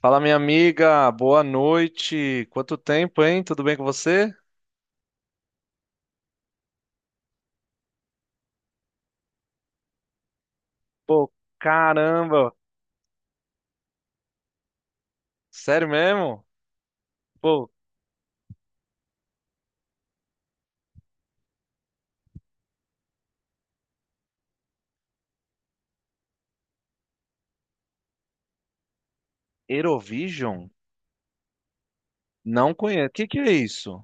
Fala, minha amiga, boa noite. Quanto tempo, hein? Tudo bem com você? Pô, caramba! Sério mesmo? Pô, Eurovision? Não conheço. O que que é isso?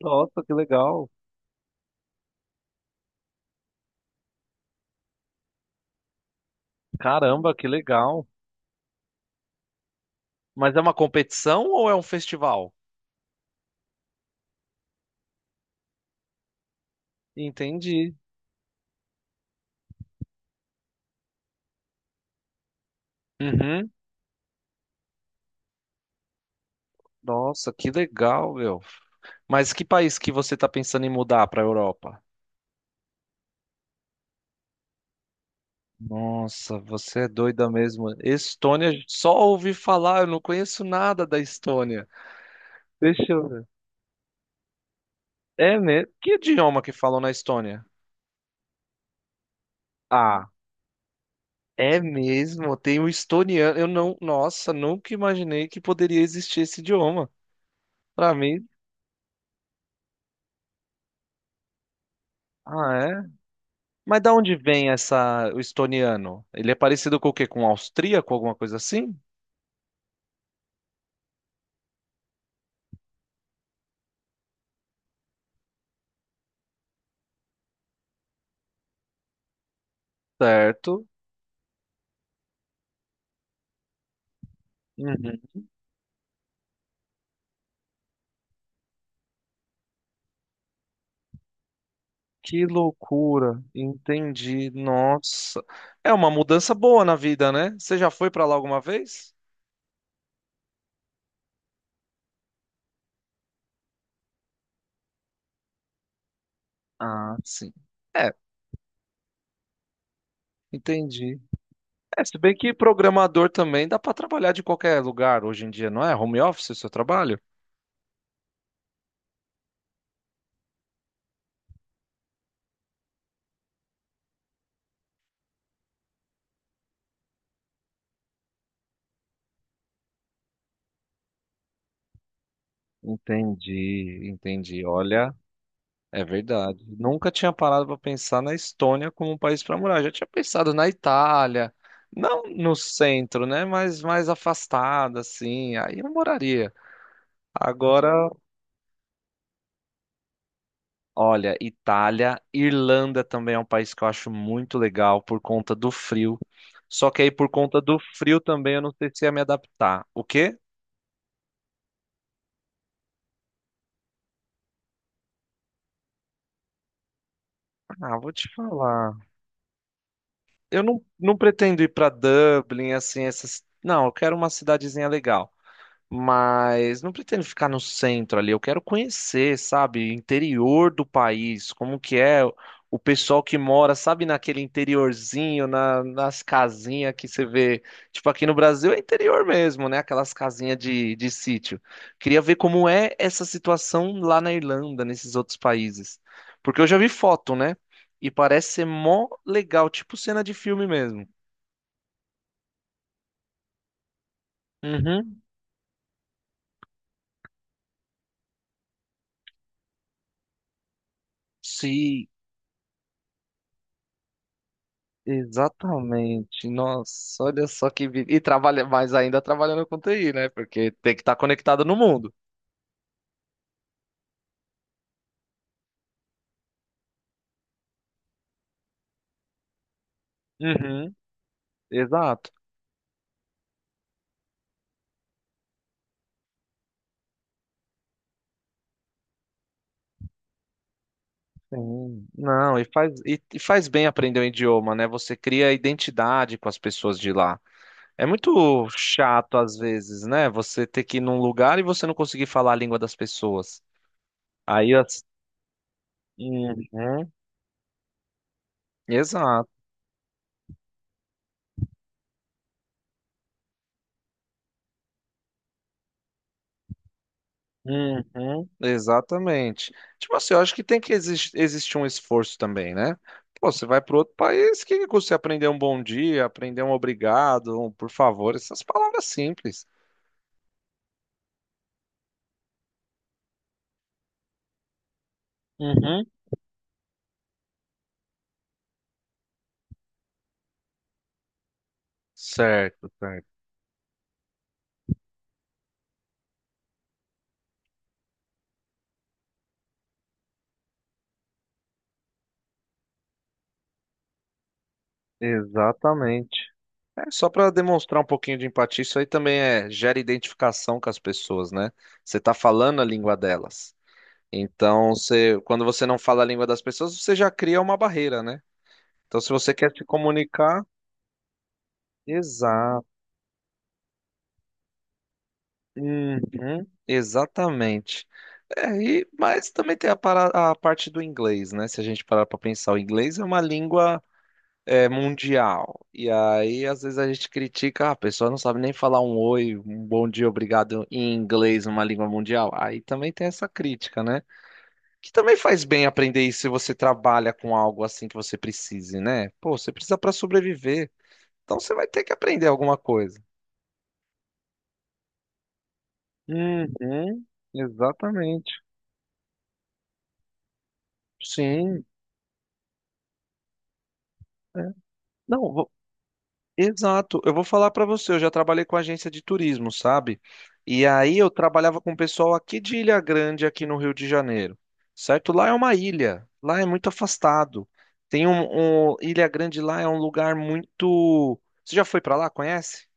Nossa, que legal. Caramba, que legal. Mas é uma competição ou é um festival? Entendi. Uhum. Nossa, que legal, meu. Mas que país que você tá pensando em mudar para a Europa? Nossa, você é doida mesmo. Estônia, só ouvi falar, eu não conheço nada da Estônia. Deixa eu ver. É mesmo? Que idioma que falam na Estônia? Ah, é mesmo? Tem o estoniano. Eu não. Nossa, nunca imaginei que poderia existir esse idioma. Pra mim. Ah, é? Mas da onde vem essa, o estoniano? Ele é parecido com o quê? Com o austríaco, alguma coisa assim? Certo. Uhum. Que loucura. Entendi. Nossa. É uma mudança boa na vida, né? Você já foi pra lá alguma vez? Ah, sim. É, entendi. É, se bem que programador também dá para trabalhar de qualquer lugar hoje em dia, não é? Home office o seu trabalho? Entendi, entendi. Olha, é verdade. Nunca tinha parado para pensar na Estônia como um país para morar. Já tinha pensado na Itália, não no centro, né? Mas mais afastada, assim. Aí eu moraria. Agora, olha, Itália, Irlanda também é um país que eu acho muito legal por conta do frio. Só que aí por conta do frio também eu não sei se ia me adaptar. O quê? Ah, vou te falar. Eu não, não pretendo ir pra Dublin, assim, essas. Não, eu quero uma cidadezinha legal. Mas não pretendo ficar no centro ali, eu quero conhecer, sabe, interior do país, como que é o pessoal que mora, sabe, naquele interiorzinho, nas casinhas que você vê, tipo aqui no Brasil é interior mesmo, né, aquelas casinhas de sítio. Queria ver como é essa situação lá na Irlanda, nesses outros países, porque eu já vi foto, né, e parece ser mó legal, tipo cena de filme mesmo. Uhum, sim. Exatamente. Nossa, olha só que vida. E trabalha mais ainda trabalhando com TI, né? Porque tem que estar conectado no mundo. Uhum. Exato. Sim. Não, e faz, e faz bem aprender o idioma, né? Você cria identidade com as pessoas de lá. É muito chato às vezes, né? Você ter que ir num lugar e você não conseguir falar a língua das pessoas. Aí as... Uhum. Exato. Uhum, exatamente. Tipo assim, eu acho que tem que existir um esforço também, né? Pô, você vai para outro país, que custa você aprender um bom dia, aprender um obrigado, um por favor, essas palavras simples. Uhum. Certo, certo. Exatamente. É só para demonstrar um pouquinho de empatia, isso aí também é gera identificação com as pessoas, né? Você tá falando a língua delas. Então, você, quando você não fala a língua das pessoas, você já cria uma barreira, né? Então, se você quer se comunicar, exato. Uhum, exatamente. É, e, mas também tem a, a parte do inglês, né? Se a gente parar para pensar, o inglês é uma língua é, mundial. E aí, às vezes, a gente critica, "Ah, a pessoa não sabe nem falar um oi, um bom dia, obrigado em inglês, numa língua mundial. Aí também tem essa crítica, né? Que também faz bem aprender isso se você trabalha com algo assim que você precise, né? Pô, você precisa para sobreviver. Então você vai ter que aprender alguma coisa. Uhum, exatamente. Sim. Não, vou- Exato. Eu vou falar para você, eu já trabalhei com agência de turismo, sabe? E aí eu trabalhava com o pessoal aqui de Ilha Grande, aqui no Rio de Janeiro, certo? Lá é uma ilha, lá é muito afastado. Tem Ilha Grande lá é um lugar muito. Você já foi para lá? Conhece?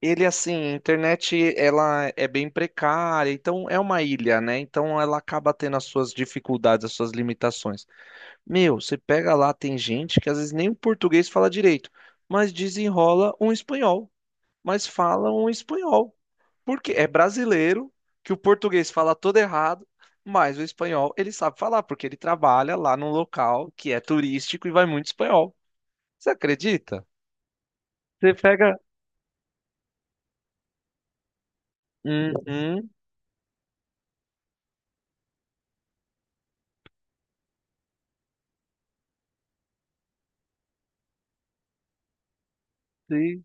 Ele assim, a internet ela é bem precária, então é uma ilha, né? Então ela acaba tendo as suas dificuldades, as suas limitações. Meu, você pega lá, tem gente que às vezes nem o português fala direito, mas desenrola um espanhol, mas fala um espanhol. Porque é brasileiro que o português fala todo errado, mas o espanhol ele sabe falar, porque ele trabalha lá num local que é turístico e vai muito espanhol. Você acredita? Você pega. Uhum, sim,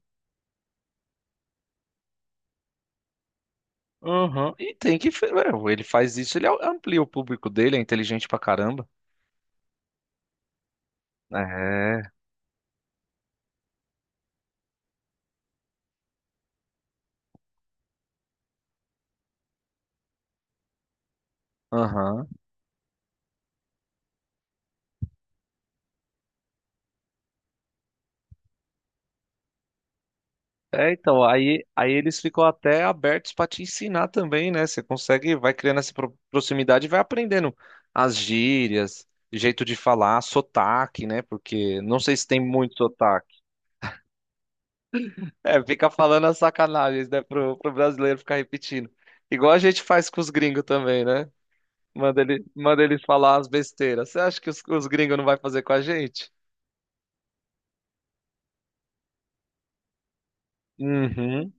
uhum. E tem que. Ele faz isso, ele amplia o público dele, é inteligente pra caramba. É. Aham. É, então, aí eles ficam até abertos para te ensinar também, né? Você consegue, vai criando essa proximidade e vai aprendendo as gírias, jeito de falar, sotaque, né? Porque não sei se tem muito sotaque. É, fica falando as sacanagens, né? Pro brasileiro ficar repetindo. Igual a gente faz com os gringos também, né? Manda, ele, manda eles falar as besteiras. Você acha que os gringos não vai fazer com a gente? Uhum.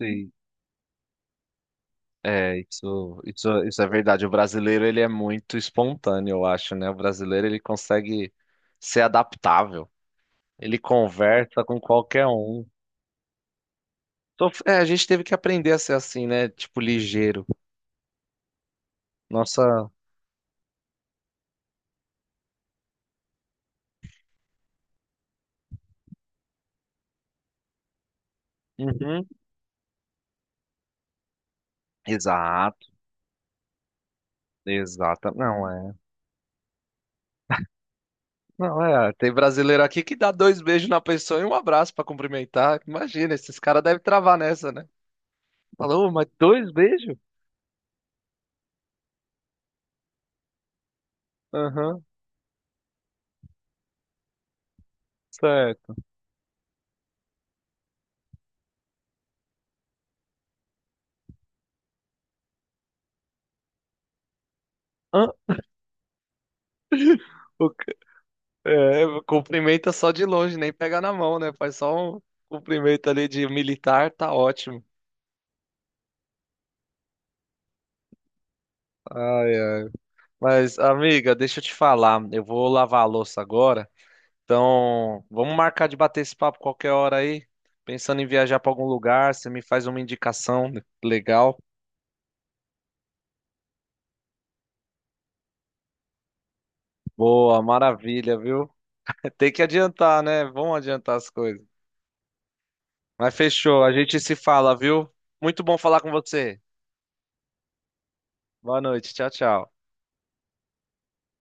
Sim. É, isso é verdade. O brasileiro, ele é muito espontâneo, eu acho, né? O brasileiro, ele consegue ser adaptável. Ele conversa com qualquer um. Então, é, a gente teve que aprender a ser assim, né? Tipo, ligeiro. Nossa. Uhum. Exato, exato. Não é. Não é. Tem brasileiro aqui que dá dois beijos na pessoa e um abraço pra cumprimentar. Imagina, esses caras devem travar nessa, né? Falou, mas dois beijos? Aham, certo. Hã? É, cumprimenta só de longe, nem pega na mão, né? Faz só um cumprimento ali de militar, tá ótimo. Ai, ai. Mas, amiga, deixa eu te falar, eu vou lavar a louça agora. Então, vamos marcar de bater esse papo qualquer hora aí. Pensando em viajar pra algum lugar, você me faz uma indicação legal. Boa, maravilha, viu? Tem que adiantar, né? Vamos adiantar as coisas. Mas fechou, a gente se fala, viu? Muito bom falar com você. Boa noite, tchau, tchau.